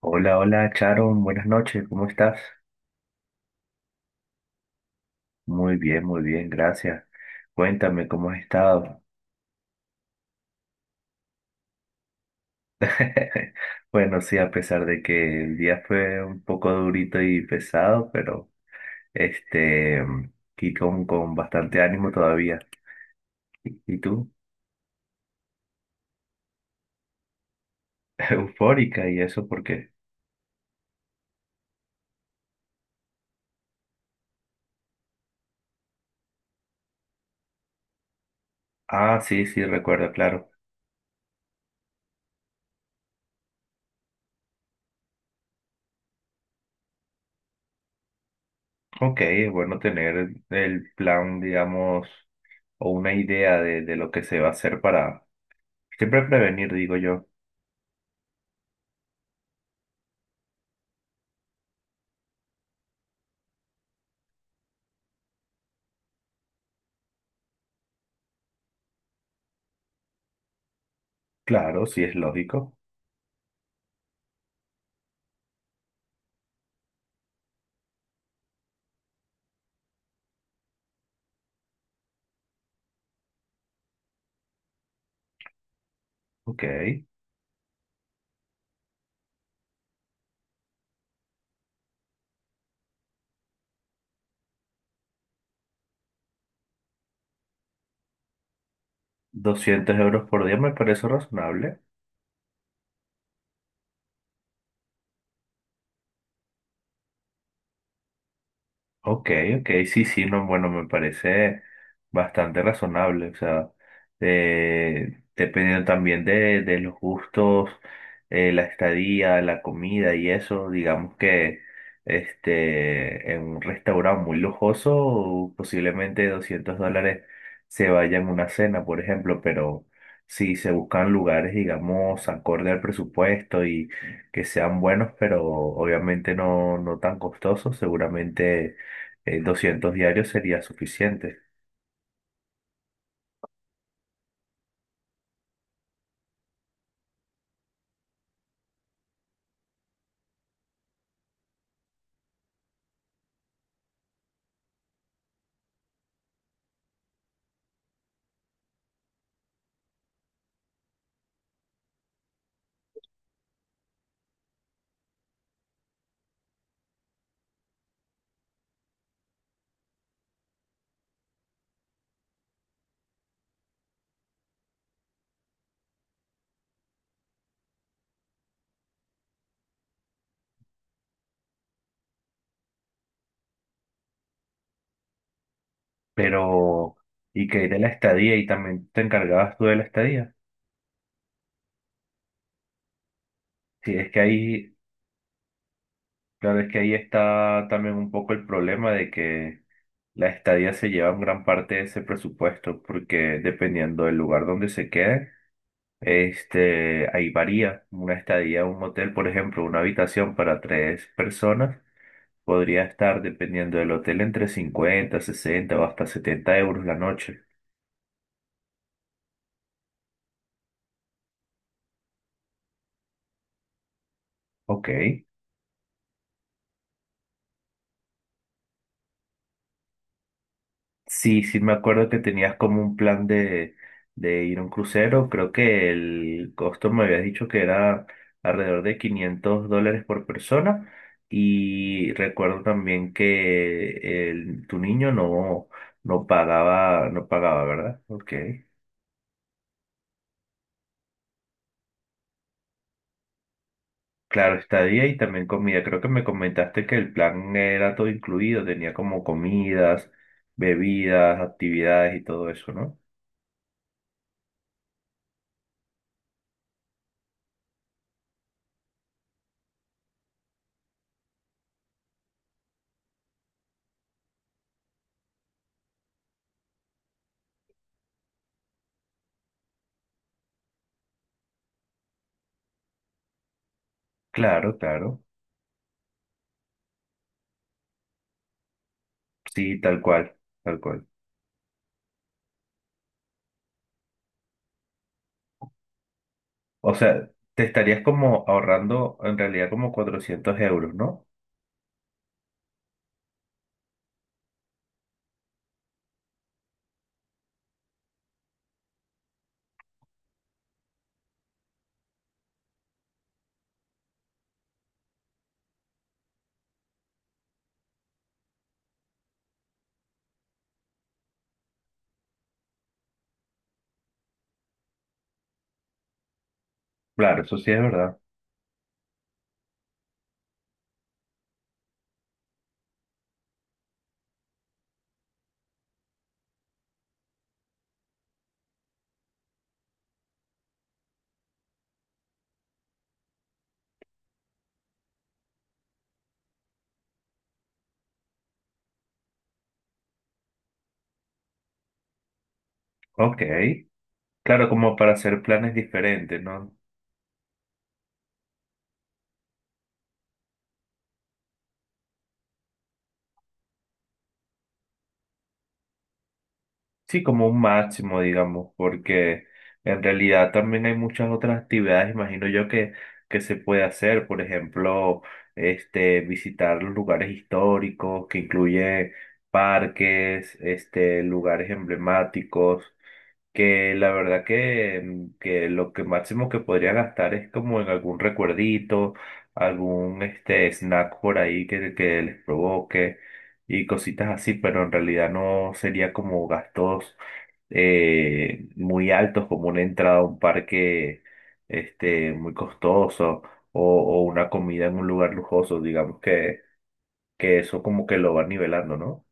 Hola, hola, Charon, buenas noches, ¿cómo estás? Muy bien, gracias. Cuéntame, ¿cómo has estado? Bueno, sí, a pesar de que el día fue un poco durito y pesado, pero este, aquí con bastante ánimo todavía. ¿Y tú? Eufórica, ¿y eso por qué? Ah, sí, sí, recuerdo, claro. Ok, es bueno tener el plan, digamos, o una idea de lo que se va a hacer para siempre prevenir, digo yo. Claro, sí es lógico. Ok, 200 euros por día me parece razonable. Ok, ok, sí, sí, no, bueno, me parece bastante razonable, o sea, dependiendo también de los gustos, la estadía, la comida y eso, digamos que en un restaurante muy lujoso, posiblemente 200 dólares se vaya en una cena, por ejemplo, pero si se buscan lugares, digamos, acorde al presupuesto y que sean buenos, pero obviamente no, no tan costosos, seguramente 200 diarios sería suficiente. Pero, ¿y qué hay de la estadía? ¿Y también te encargabas tú de la estadía? Sí, es que ahí, claro, es que ahí está también un poco el problema de que la estadía se lleva en gran parte de ese presupuesto, porque dependiendo del lugar donde se quede, ahí varía. Una estadía, un hotel, por ejemplo, una habitación para tres personas. Podría estar, dependiendo del hotel, entre 50 60 o hasta 70 euros la noche. Ok. Sí, sí, me acuerdo que tenías como un plan de, ir a un crucero. Creo que el costo me habías dicho que era alrededor de 500 dólares por persona. Y recuerdo también que tu niño no, no pagaba, no pagaba, ¿verdad? Ok. Claro, estadía y también comida. Creo que me comentaste que el plan era todo incluido, tenía como comidas, bebidas, actividades y todo eso, ¿no? Claro, claro. Sí, tal cual, tal cual. O sea, te estarías como ahorrando en realidad como 400 euros, ¿no? Claro, eso sí es verdad. Ok. Claro, como para hacer planes diferentes, ¿no? Sí, como un máximo, digamos, porque en realidad también hay muchas otras actividades, imagino yo, que, se puede hacer. Por ejemplo, visitar los lugares históricos, que incluye parques, lugares emblemáticos. Que la verdad que lo que máximo que podría gastar es como en algún recuerdito, algún snack por ahí que, les provoque y cositas así, pero en realidad no sería como gastos muy altos, como una entrada a un parque muy costoso o, una comida en un lugar lujoso, digamos que eso como que lo va nivelando, ¿no?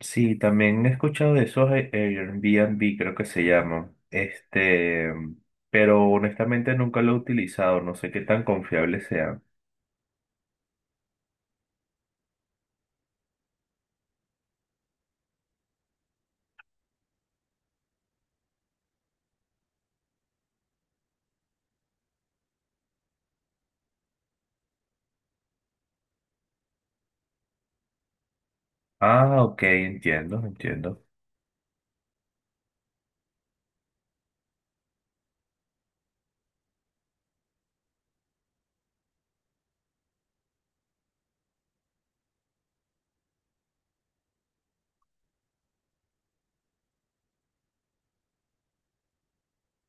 Sí, también he escuchado de esos Airbnb, creo que se llaman. Pero honestamente nunca lo he utilizado, no sé qué tan confiables sean. Ah, ok, entiendo, entiendo.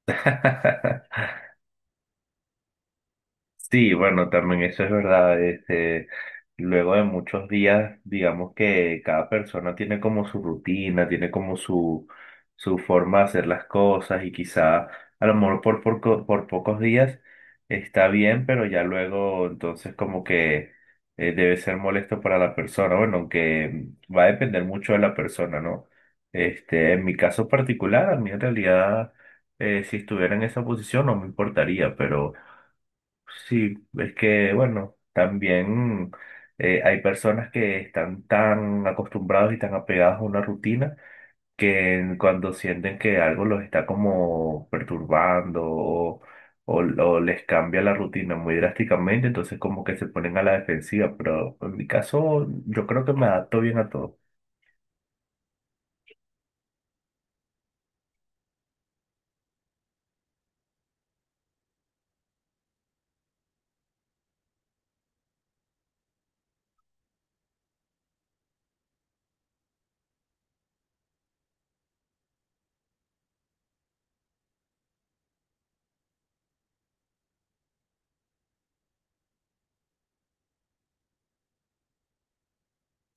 Sí, bueno, también eso es verdad. Luego de muchos días, digamos que cada persona tiene como su rutina, tiene como su forma de hacer las cosas y quizá a lo mejor por pocos días está bien, pero ya luego entonces como que debe ser molesto para la persona. Bueno, aunque va a depender mucho de la persona, ¿no? En mi caso particular, a mí en realidad, si estuviera en esa posición no me importaría, pero. Sí, es que, bueno, también hay personas que están tan acostumbrados y tan apegados a una rutina que cuando sienten que algo los está como perturbando o les cambia la rutina muy drásticamente, entonces como que se ponen a la defensiva, pero en mi caso yo creo que me adapto bien a todo.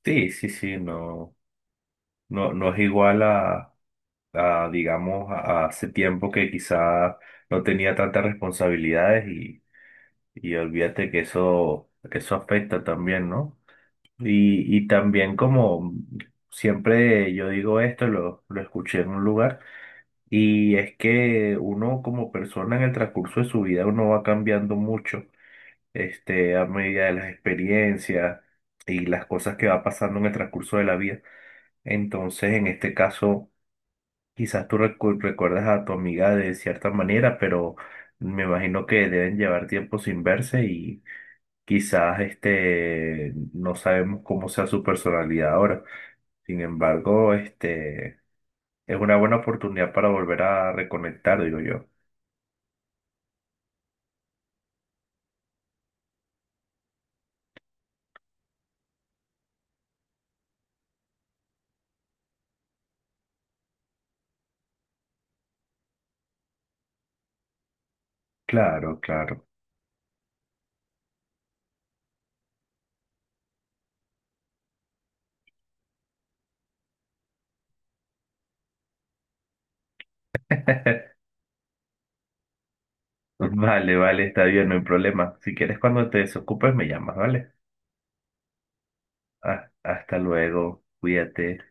Sí, sí, sí, no, no, no es igual a, digamos, a hace tiempo que quizá no tenía tantas responsabilidades. Y olvídate que eso afecta también, ¿no? Y también como siempre yo digo esto, lo escuché en un lugar, y es que uno como persona en el transcurso de su vida, uno va cambiando mucho, a medida de las experiencias y las cosas que va pasando en el transcurso de la vida. Entonces, en este caso, quizás tú recuerdas a tu amiga de cierta manera, pero me imagino que deben llevar tiempo sin verse. Quizás no sabemos cómo sea su personalidad ahora. Sin embargo, es una buena oportunidad para volver a reconectar, digo yo. Claro, claro. Vale, vale, está bien, no hay problema. Si quieres, cuando te desocupes, me llamas, ¿vale? Ah, hasta luego, cuídate.